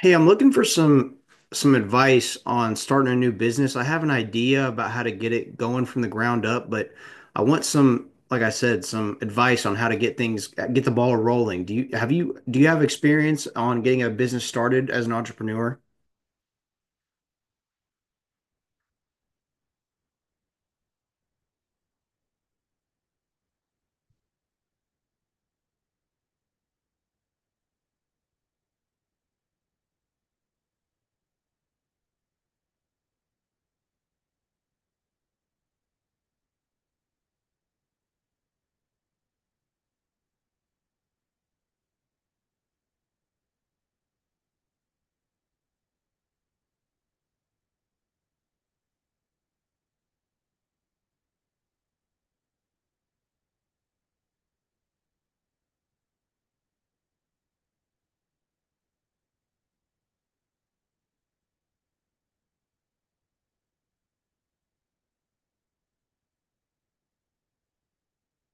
Hey, I'm looking for some advice on starting a new business. I have an idea about how to get it going from the ground up, but I want some, like I said, some advice on how to get the ball rolling. Do you have experience on getting a business started as an entrepreneur?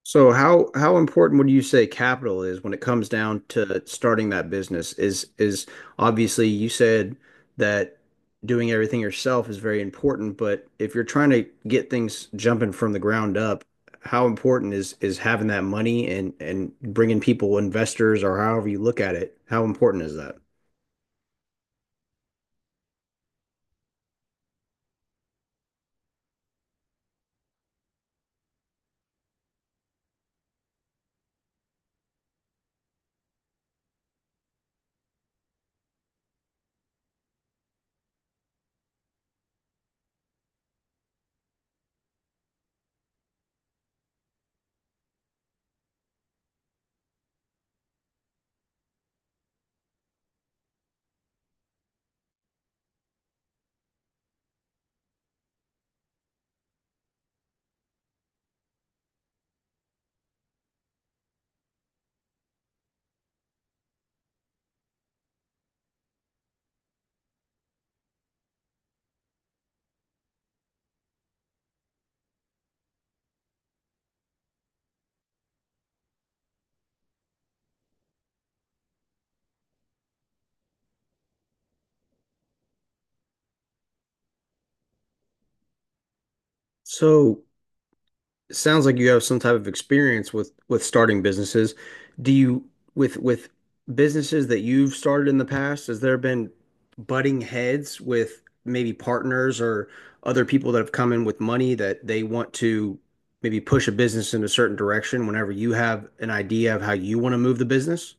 So how important would you say capital is when it comes down to starting that business? Is Obviously you said that doing everything yourself is very important, but if you're trying to get things jumping from the ground up, how important is having that money and bringing people, investors, or however you look at it, how important is that? So it sounds like you have some type of experience with starting businesses. Do you with businesses that you've started in the past, has there been butting heads with maybe partners or other people that have come in with money that they want to maybe push a business in a certain direction whenever you have an idea of how you want to move the business?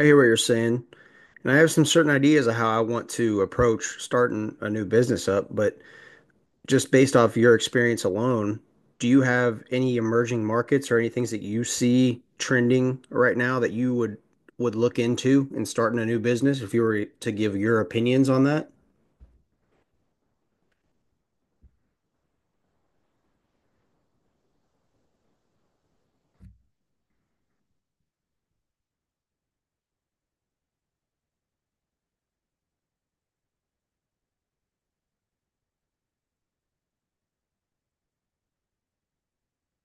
I hear what you're saying, and I have some certain ideas of how I want to approach starting a new business up, but just based off your experience alone, do you have any emerging markets or any things that you see trending right now that you would look into in starting a new business if you were to give your opinions on that?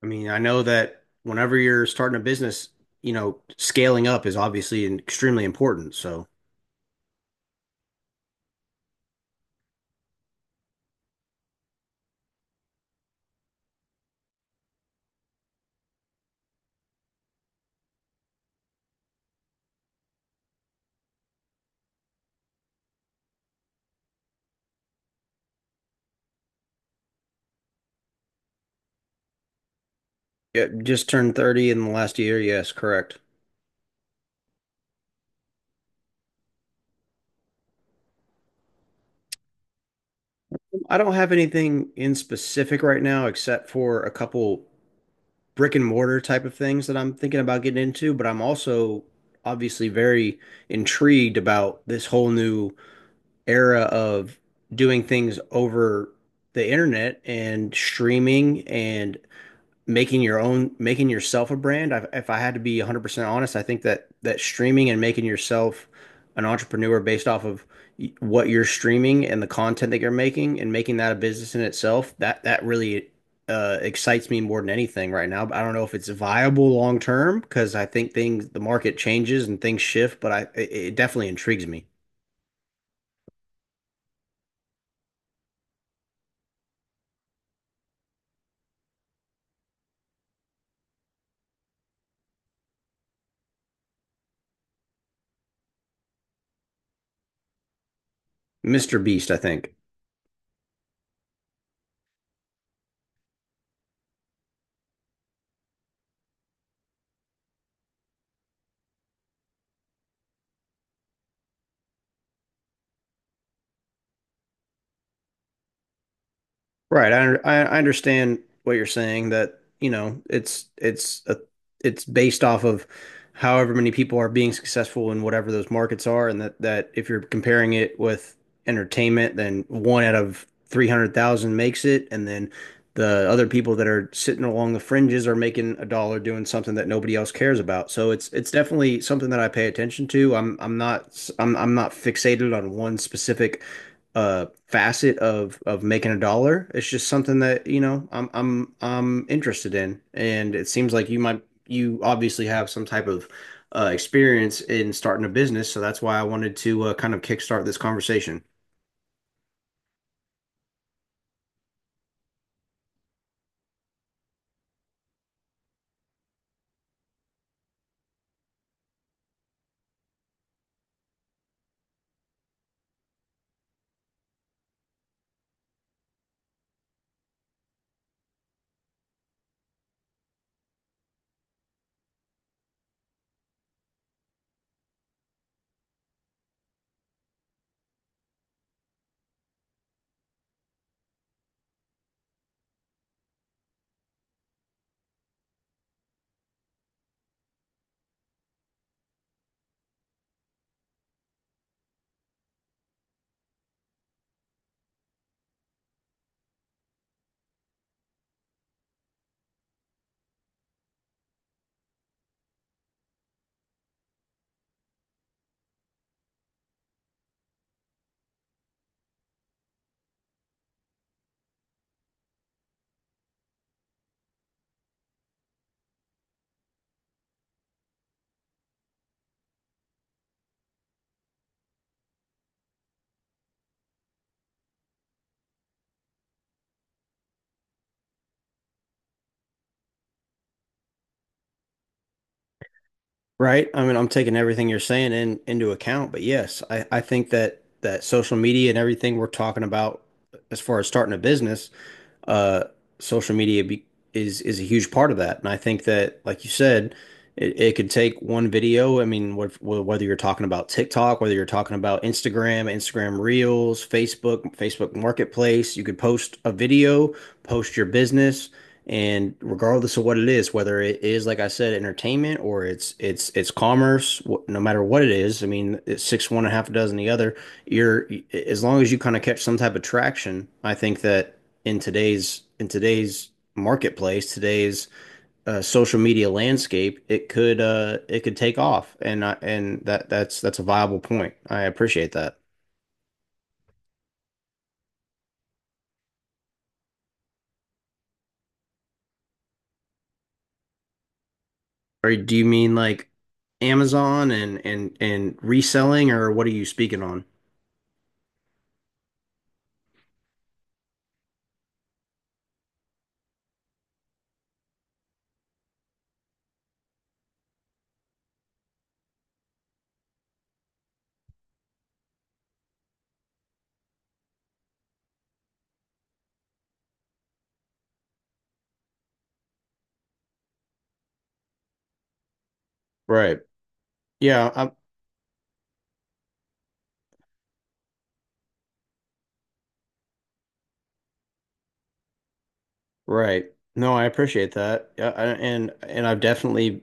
I mean, I know that whenever you're starting a business, scaling up is obviously extremely important. So, yeah, just turned 30 in the last year. Yes, correct. I don't have anything in specific right now except for a couple brick and mortar type of things that I'm thinking about getting into, but I'm also obviously very intrigued about this whole new era of doing things over the internet and streaming and making yourself a brand. If I had to be 100% honest, I think that streaming and making yourself an entrepreneur based off of what you're streaming and the content that you're making and making that a business in itself that really excites me more than anything right now, but I don't know if it's viable long term because I think things the market changes and things shift. But it definitely intrigues me. Mr. Beast, I think. Right. I understand what you're saying that, it's based off of however many people are being successful in whatever those markets are. And that that if you're comparing it with entertainment, then one out of 300,000 makes it, and then the other people that are sitting along the fringes are making a dollar doing something that nobody else cares about. So it's definitely something that I pay attention to. I'm not fixated on one specific facet of making a dollar. It's just something that I'm interested in. And it seems like you obviously have some type of experience in starting a business, so that's why I wanted to kind of kickstart this conversation. Right. I mean, I'm taking everything you're saying in into account, but yes, I think that social media and everything we're talking about as far as starting a business, uh, social media be, is a huge part of that. And I think that, like you said, it could take one video. I mean, whether you're talking about TikTok, whether you're talking about Instagram, Instagram Reels, Facebook, Facebook Marketplace, you could post a video, post your business, and regardless of what it is, whether it is, like I said, entertainment or it's commerce. No matter what it is, I mean, it's six one and a half a dozen the other. You're As long as you kind of catch some type of traction, I think that in today's marketplace, today's social media landscape, it could take off. And that's a viable point. I appreciate that. Or do you mean like Amazon and reselling, or what are you speaking on? Right. Yeah, I right. No, I appreciate that. Yeah, and I've definitely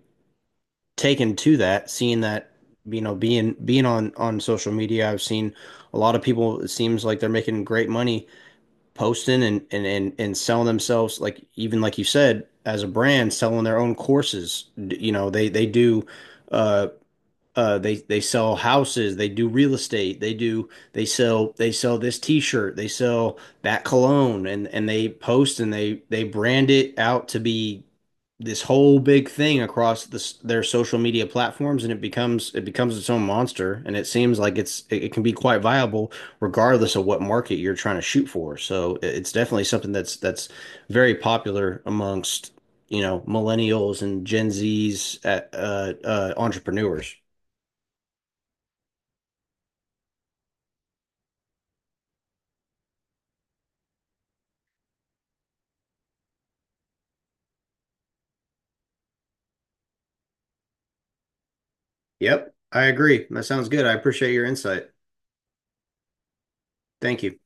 taken to that, seeing that, you know, being on social media, I've seen a lot of people. It seems like they're making great money posting and selling themselves, like even like you said, as a brand, selling their own courses. You know, they do, uh they sell houses. They do real estate. They sell this t-shirt. They sell that cologne. And they post, and they brand it out to be this whole big thing across this their social media platforms. And it becomes its own monster. And it seems like it can be quite viable regardless of what market you're trying to shoot for. So it's definitely something that's very popular amongst, you know, millennials and gen z's entrepreneurs. Yep, I agree. That sounds good. I appreciate your insight. Thank you.